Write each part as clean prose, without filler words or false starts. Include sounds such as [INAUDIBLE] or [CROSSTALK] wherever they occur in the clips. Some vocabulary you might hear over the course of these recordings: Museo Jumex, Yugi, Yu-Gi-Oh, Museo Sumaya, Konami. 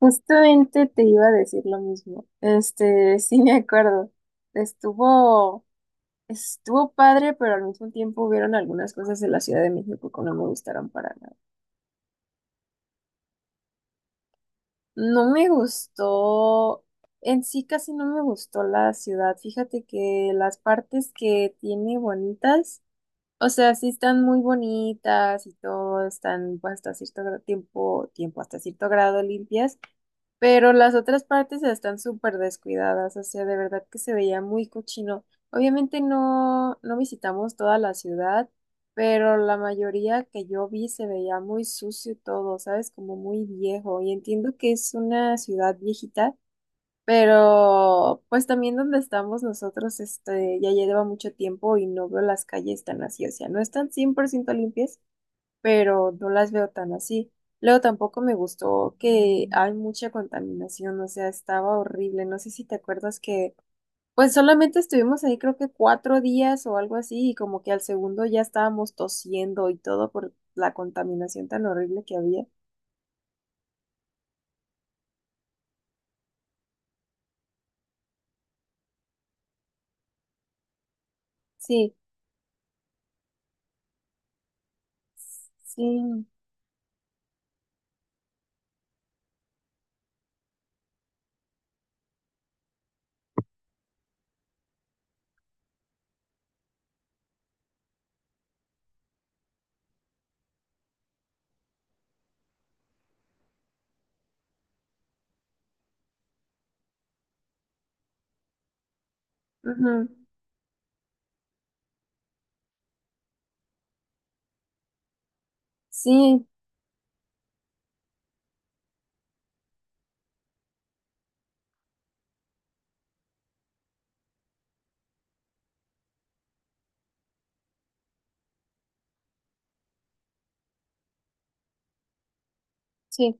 Justamente te iba a decir lo mismo. [LAUGHS] Sí me acuerdo. Estuvo, estuvo padre, pero al mismo tiempo hubieron algunas cosas de la Ciudad de México que no me gustaron para nada. No me gustó, en sí casi no me gustó la ciudad. Fíjate que las partes que tiene bonitas, o sea, sí están muy bonitas y todo, están pues, hasta cierto grado limpias. Pero las otras partes están súper descuidadas, o sea, de verdad que se veía muy cochino. Obviamente no, no visitamos toda la ciudad, pero la mayoría que yo vi se veía muy sucio todo, ¿sabes? Como muy viejo. Y entiendo que es una ciudad viejita, pero pues también donde estamos nosotros, ya lleva mucho tiempo y no veo las calles tan así, o sea, no están 100% limpias, pero no las veo tan así. Luego tampoco me gustó que hay mucha contaminación, o sea, estaba horrible. No sé si te acuerdas que, pues solamente estuvimos ahí creo que 4 días o algo así, y como que al segundo ya estábamos tosiendo y todo por la contaminación tan horrible que había. Sí, sí, ujú. Sí, sí,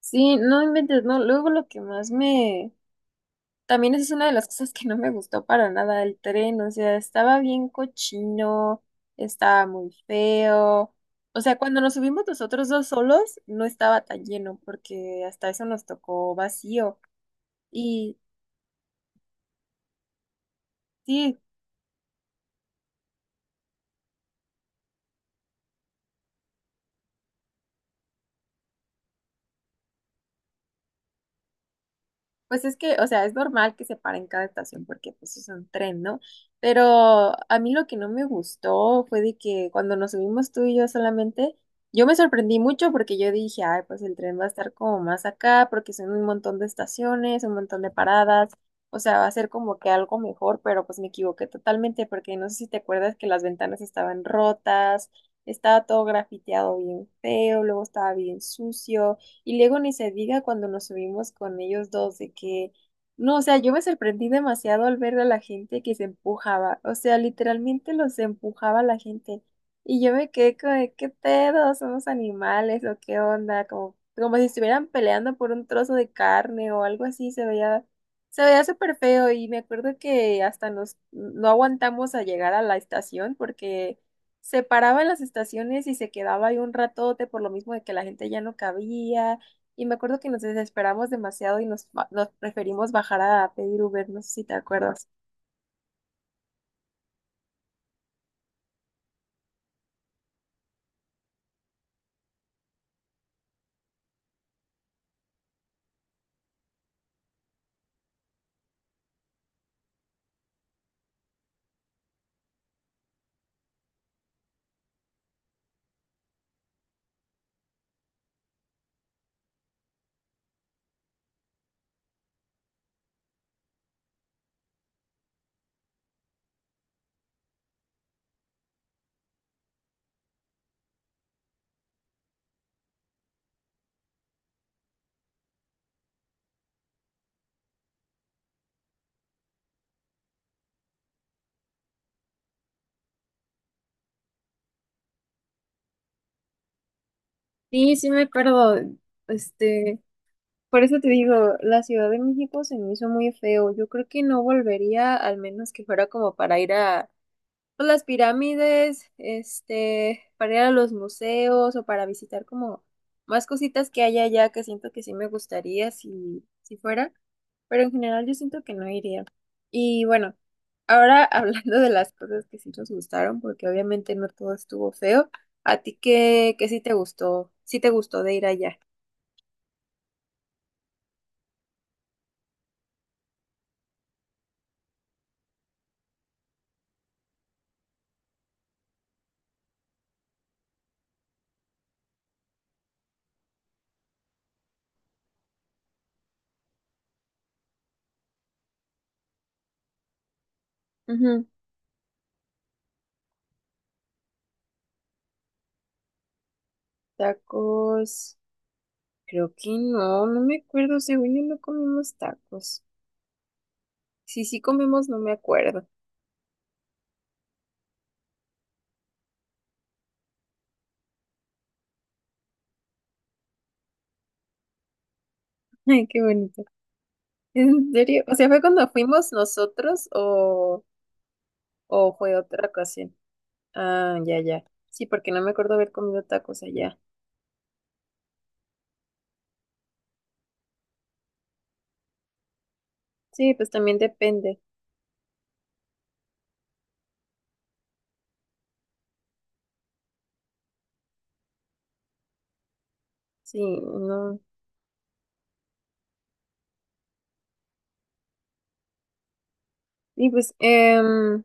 sí, no inventes, no. Luego lo que más me. También esa es una de las cosas que no me gustó para nada el tren, o sea, estaba bien cochino, estaba muy feo. O sea, cuando nos subimos nosotros dos solos, no estaba tan lleno, porque hasta eso nos tocó vacío. Y sí. Pues es que, o sea, es normal que se pare en cada estación porque pues es un tren, ¿no? Pero a mí lo que no me gustó fue de que cuando nos subimos tú y yo solamente, yo me sorprendí mucho porque yo dije, ay, pues el tren va a estar como más acá porque son un montón de estaciones, un montón de paradas, o sea, va a ser como que algo mejor, pero pues me equivoqué totalmente porque no sé si te acuerdas que las ventanas estaban rotas, estaba todo grafiteado bien feo, luego estaba bien sucio. Y luego ni se diga cuando nos subimos con ellos dos, de que, no, o sea, yo me sorprendí demasiado al ver a la gente que se empujaba, o sea, literalmente los empujaba la gente. Y yo me quedé como, de, ¿qué pedo? ¿Somos animales o qué onda? Como, como si estuvieran peleando por un trozo de carne o algo así, se veía súper feo. Y me acuerdo que hasta nos, no aguantamos a llegar a la estación porque se paraba en las estaciones y se quedaba ahí un ratote por lo mismo de que la gente ya no cabía. Y me acuerdo que nos desesperamos demasiado y nos preferimos bajar a pedir Uber, no sé si te acuerdas. Sí, sí me acuerdo. Este, por eso te digo, la Ciudad de México se me hizo muy feo. Yo creo que no volvería, al menos que fuera como para ir a pues, las pirámides, para ir a los museos o para visitar como más cositas que hay allá que siento que sí me gustaría si, si fuera, pero en general yo siento que no iría. Y bueno, ahora [LAUGHS] hablando de las cosas que sí nos gustaron, porque obviamente no todo estuvo feo, ¿a ti qué, qué sí te gustó? Sí te gustó de ir allá. Ujú. Tacos, creo que no, no me acuerdo, según yo no comimos tacos. Si sí comimos, no me acuerdo. [LAUGHS] Ay, qué bonito. ¿En serio? O sea, ¿fue cuando fuimos nosotros o fue otra ocasión? Ah, ya, ya. Sí, porque no me acuerdo haber comido tacos allá. Sí, pues también depende. Sí, no. Y pues,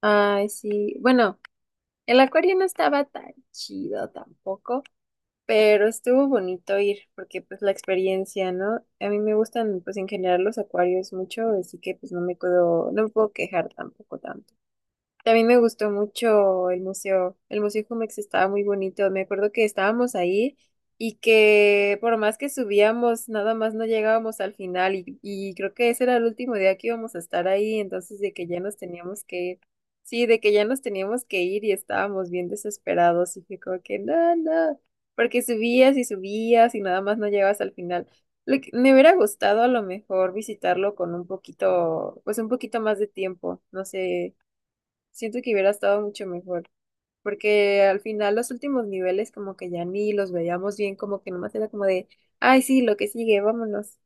ay, sí. Bueno, el acuario no estaba tan chido tampoco, pero estuvo bonito ir, porque pues la experiencia, ¿no? A mí me gustan, pues en general los acuarios mucho, así que pues no me puedo quejar tampoco tanto. También me gustó mucho el museo. El Museo Jumex estaba muy bonito. Me acuerdo que estábamos ahí y que por más que subíamos, nada más no llegábamos al final. Y creo que ese era el último día que íbamos a estar ahí. Entonces, de que ya nos teníamos que ir. Sí, de que ya nos teníamos que ir y estábamos bien desesperados. Y fue como que, no, no. Porque subías y subías y nada más no llegabas al final. Me hubiera gustado a lo mejor visitarlo con un poquito, pues un poquito más de tiempo. No sé. Siento que hubiera estado mucho mejor, porque al final los últimos niveles como que ya ni los veíamos bien, como que nomás era como de, ay, sí, lo que sigue, vámonos.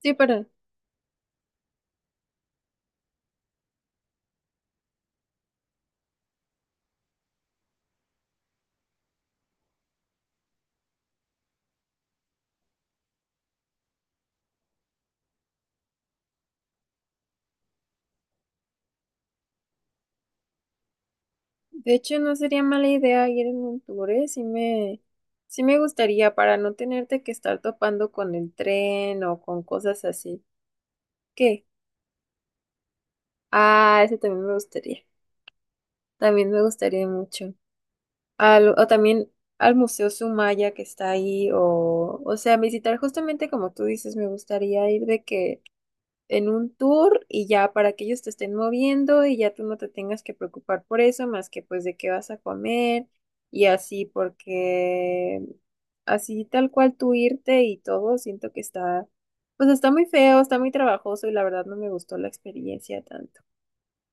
Sí, para de hecho no sería mala idea ir en un tour, ¿eh? Sí me gustaría para no tenerte que estar topando con el tren o con cosas así. ¿Qué? Ah, eso también me gustaría. También me gustaría mucho. O también al Museo Sumaya que está ahí, o sea, visitar justamente como tú dices, me gustaría ir de que en un tour y ya para que ellos te estén moviendo y ya tú no te tengas que preocupar por eso, más que pues de qué vas a comer y así, porque así tal cual tú irte y todo, siento que está, pues está muy feo, está muy trabajoso y la verdad no me gustó la experiencia tanto.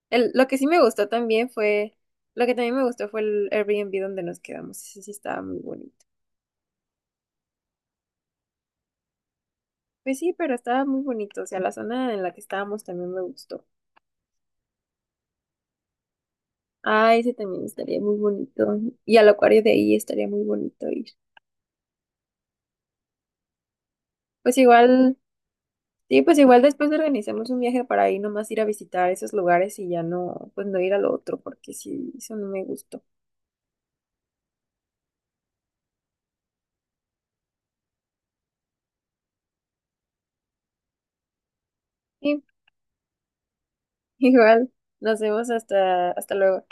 El- lo que sí me gustó también fue, lo que también me gustó fue el Airbnb donde nos quedamos, ese sí estaba muy bonito. Pues sí, pero estaba muy bonito, o sea, la zona en la que estábamos también me gustó. Ah, ese también estaría muy bonito. Y al acuario de ahí estaría muy bonito ir. Pues igual, sí, pues igual después organizamos un viaje para ahí nomás ir a visitar esos lugares y ya no, pues no ir al otro, porque sí, eso no me gustó. Sí, [LAUGHS] igual, nos vemos hasta luego.